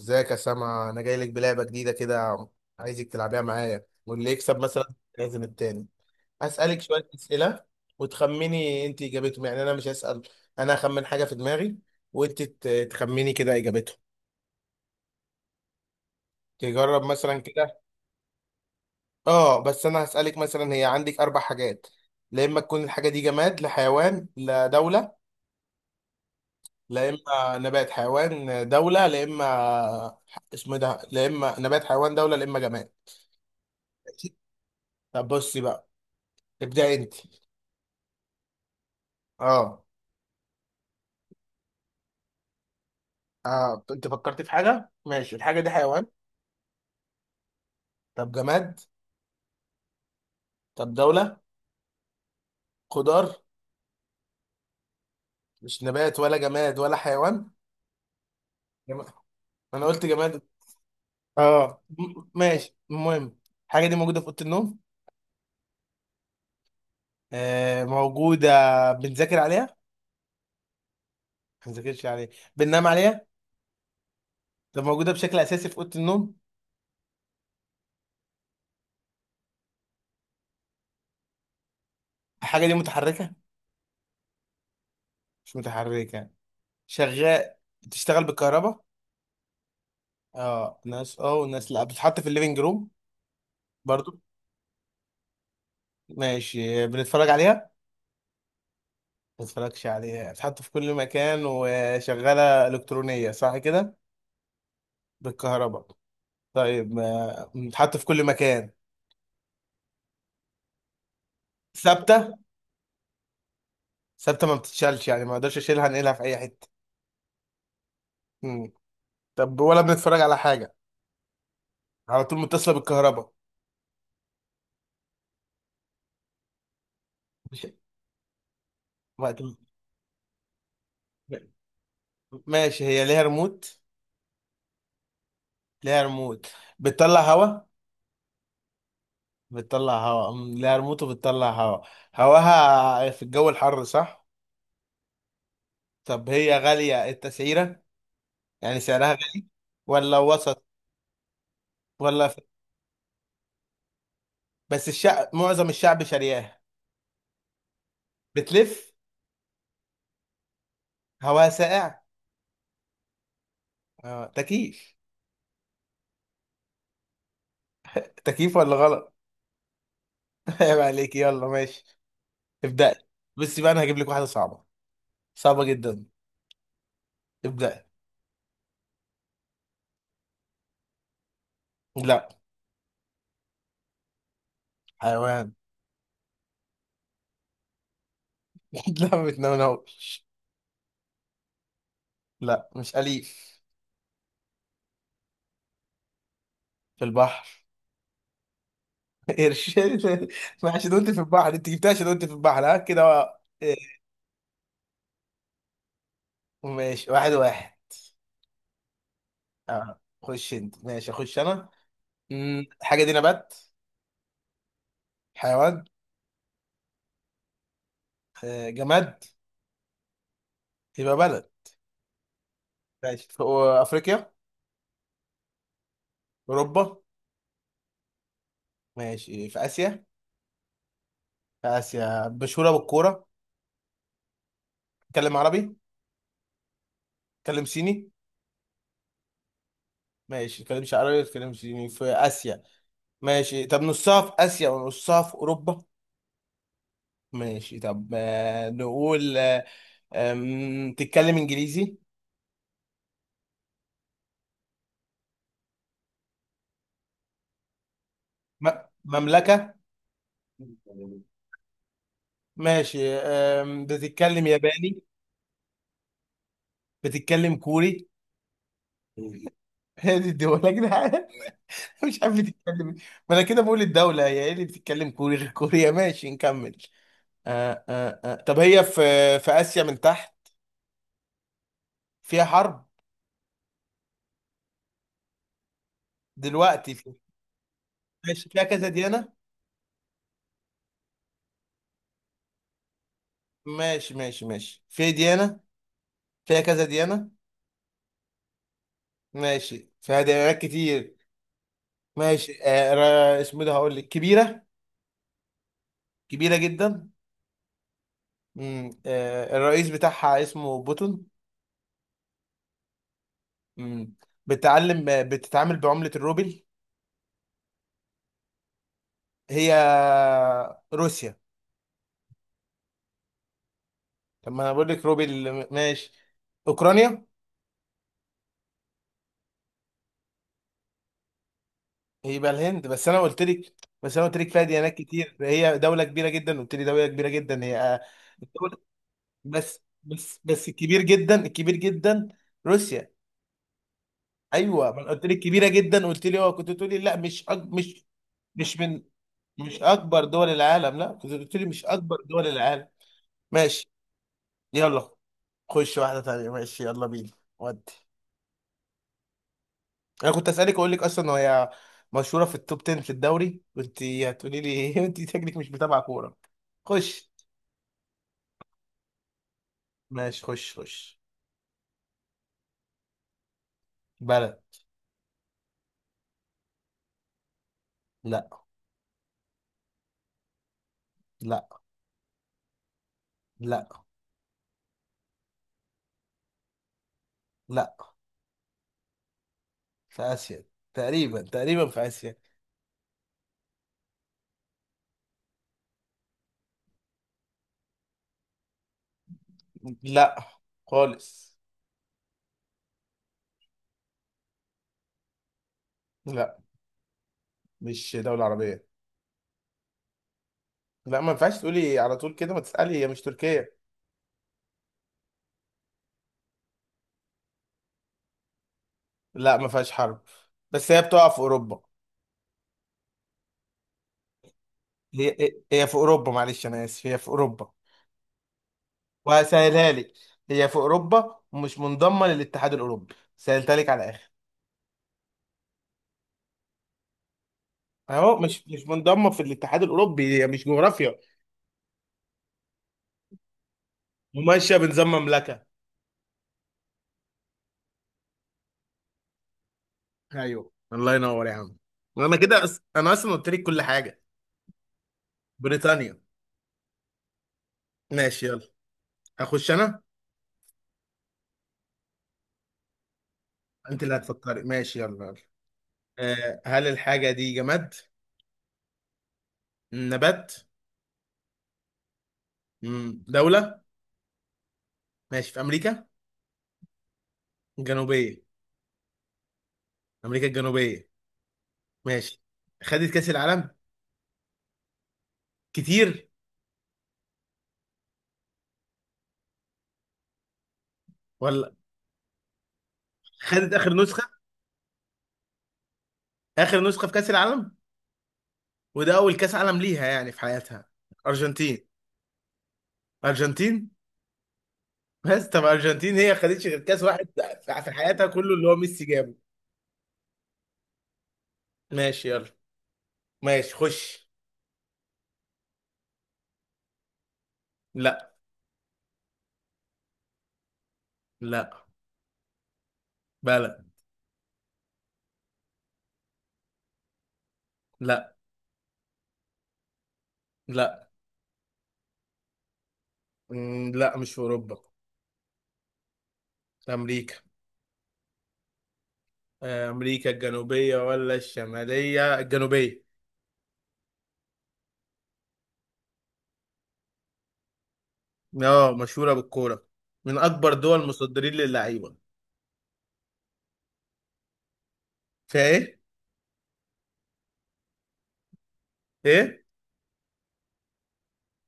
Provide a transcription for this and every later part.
ازيك يا سما؟ انا جاي لك بلعبه جديده كده، عايزك تلعبيها معايا، واللي يكسب مثلا لازم التاني. هسالك شويه اسئله وتخمني انت اجابتهم. يعني انا مش هسال، انا هخمن حاجه في دماغي وانت تخمني كده اجابتهم. تجرب مثلا كده. اه، بس انا هسالك مثلا، هي عندك اربع حاجات، لا اما تكون الحاجه دي جماد، لا حيوان، لا دوله، لا اما نبات حيوان دوله، لا اما اسمه إيه ده، لا اما نبات حيوان دوله، لا اما جماد. طب بصي بقى. ابدأ انت. اه. آه، انت فكرت في حاجه؟ ماشي. الحاجه دي حيوان؟ طب جماد؟ طب دوله؟ خضار؟ مش نبات ولا جماد ولا حيوان؟ جماد. انا قلت جماد. اه، ماشي المهم. الحاجه دي موجوده في اوضه النوم؟ آه موجوده. بنذاكر عليها؟ ما بنذاكرش عليها. بننام عليها؟ طب موجوده بشكل اساسي في اوضه النوم؟ الحاجه دي متحركه؟ مش متحركه. شغال؟ بتشتغل بالكهرباء؟ اه ناس اه وناس لا. بتتحط في الليفينج روم برضو؟ ماشي. بنتفرج عليها؟ ما تتفرجش عليها حتى. في كل مكان، وشغالة إلكترونية، صح كده؟ بالكهرباء. طيب، بتتحط في كل مكان. ثابتة؟ ثابتة، ما بتتشالش، يعني ما اقدرش اشيلها انقلها في اي حتة. مم. طب ولا بنتفرج على حاجة؟ على طول متصلة بالكهرباء؟ مش- وقت م- ماشي. هي ليها ريموت؟ ليها ريموت، بتطلع هوا؟ بتطلع هوا. مم، ليها ريموت وبتطلع هوا، هواها في الجو الحر، صح؟ طب هي غالية التسعيرة؟ يعني سعرها غالي ولا وسط ولا؟ بس الشعب، معظم الشعب شارياها. بتلف؟ هواها ساقع؟ اه، تكييف. تكييف، ولا غلط؟ عيب عليك. يلا ماشي، ابدأ. بس بقى انا هجيب لك واحدة صعبة، صعبة جدا. ابدأ. لا. حيوان؟ لا ما بتنونوش. لا مش أليف. في البحر؟ قرش. ما عشان قلت في البحر انت جبتها، عشان قلت في البحر. ها كده بقى. إيه، ماشي، واحد واحد. اه خش انت. ماشي، اخش انا. مم، الحاجة دي نبات؟ حيوان؟ آه، جماد؟ يبقى بلد. ماشي، في افريقيا؟ اوروبا؟ ماشي، في اسيا. في اسيا، مشهوره بالكوره؟ تكلم عربي؟ تكلم صيني؟ ماشي، تكلمش عربي، تكلم صيني، في اسيا. ماشي، طب نصها في اسيا ونصها في اوروبا؟ ماشي، طب آه، نقول آه، تتكلم انجليزي؟ م- مملكه؟ ماشي، بتتكلم ياباني؟ بتتكلم كوري؟ هذه الدول يا جدعان. مش عارف بتتكلم إيه. ما انا كده بقول الدولة هي ايه اللي بتتكلم كوري غير كوريا. ماشي نكمل. آه آه آه. طب هي في، في آسيا من تحت؟ فيها حرب دلوقتي في؟ ماشي، فيها كذا ديانة؟ ماشي ماشي ماشي، في ديانة، فيها كذا ديانة؟ ماشي، فيها ديانات كتير. ماشي آه، اسمه ده. هقول لك، كبيرة، كبيرة جدا. مم. آه، الرئيس بتاعها اسمه بوتون. مم. بتعلم، بتتعامل بعملة الروبل. هي روسيا؟ طب ما انا بقول لك روبي، ماشي. اوكرانيا؟ يبقى الهند، بس انا قلت لك، بس انا قلت لك فيها ديانات كتير، هي دوله كبيره جدا، قلت لي دوله كبيره جدا هي آه، الدولة- بس بس بس، الكبير جدا، الكبير جدا. روسيا. ايوه، ما انا قلت لك كبيره جدا، قلت لي اه، كنت تقولي لا مش مش، مش من، مش اكبر دول العالم، لا، كنت قلت لي مش اكبر دول العالم. ماشي. يلا خش واحده تانيه. ماشي يلا بينا. ودي انا كنت اسالك، اقول لك اصلا هي مشهوره في التوب 10 في الدوري، وانت هتقولي لي ايه. انت شكلك مش متابعه كوره. خش. ماشي، خش خش. بلد. لا. لا. لا. لا. في اسيا، تقريبا، تقريبا في اسيا. لا، خالص. لا، مش دوله عربيه. لا، ما ينفعش تقولي على طول كده، ما تسالي. هي مش تركيا. لا ما فيهاش حرب. بس هي بتقع في اوروبا. هي، هي في اوروبا، معلش انا اسف، هي في اوروبا. وهسهلها لك، هي في اوروبا ومش منضمه للاتحاد الاوروبي، سهلتها لك على الاخر. اهو، مش مش منضمه في الاتحاد الاوروبي، هي مش جغرافيا. وماشيه بنظام مملكه. ايوه، الله ينور يا عم. انا كده انا اصلا قلت لك كل حاجه. بريطانيا. ماشي يلا. اخش انا. انت اللي هتفكري، ماشي يلا يلا. أه، هل الحاجه دي جماد؟ نبات؟ مم، دوله؟ ماشي، في امريكا الجنوبيه؟ امريكا الجنوبيه، ماشي. خدت كاس العالم كتير ولا؟ خدت اخر نسخه، اخر نسخه في كاس العالم، وده اول كاس عالم ليها يعني في حياتها. ارجنتين. ارجنتين. بس طب ارجنتين هي خدتش غير كاس واحد في، في حياتها كله، اللي هو ميسي جابه. ماشي يلا. ماشي خش. لا. لا. بلد. لا. لا. مم، لا مش في اوروبا. امريكا. آه، امريكا الجنوبيه ولا الشماليه؟ الجنوبيه. اه، مشهوره بالكوره، من اكبر دول مصدرين للعيبه. فايه؟ ايه؟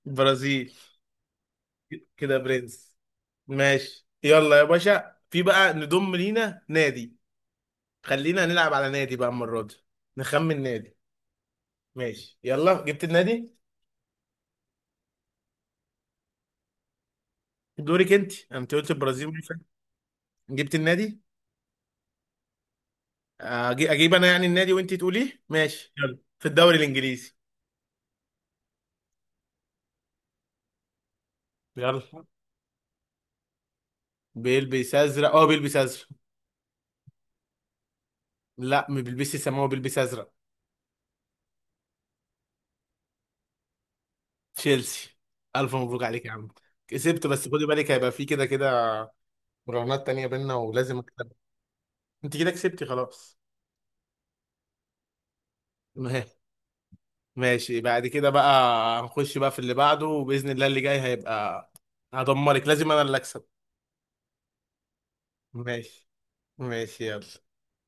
برازيل. كده يا برنس. ماشي يلا يا باشا، في بقى نضم لينا نادي، خلينا نلعب على نادي بقى المرة دي، نخمن نادي. ماشي يلا، جبت النادي. دورك انت، انت قلت البرازيل، ماشي. جبت النادي. اجيب انا يعني النادي وانت تقوليه. ماشي يلا، في الدوري الانجليزي. يلا. بيلبس ازرق؟ اه بيلبس ازرق. لا ما بيلبسش سماوي، بيلبس ازرق. تشيلسي. الف مبروك عليك يا عم، كسبت. بس خدي بالك، هيبقى في كده كده مراهنات تانية بينا، ولازم اكسب. انت كده كسبتي خلاص. ما- ماشي بعد كده بقى، هنخش بقى في اللي بعده، وبإذن الله اللي جاي هيبقى، هدمرك، لازم انا اللي اكسب. ماشي. ماشي يلا.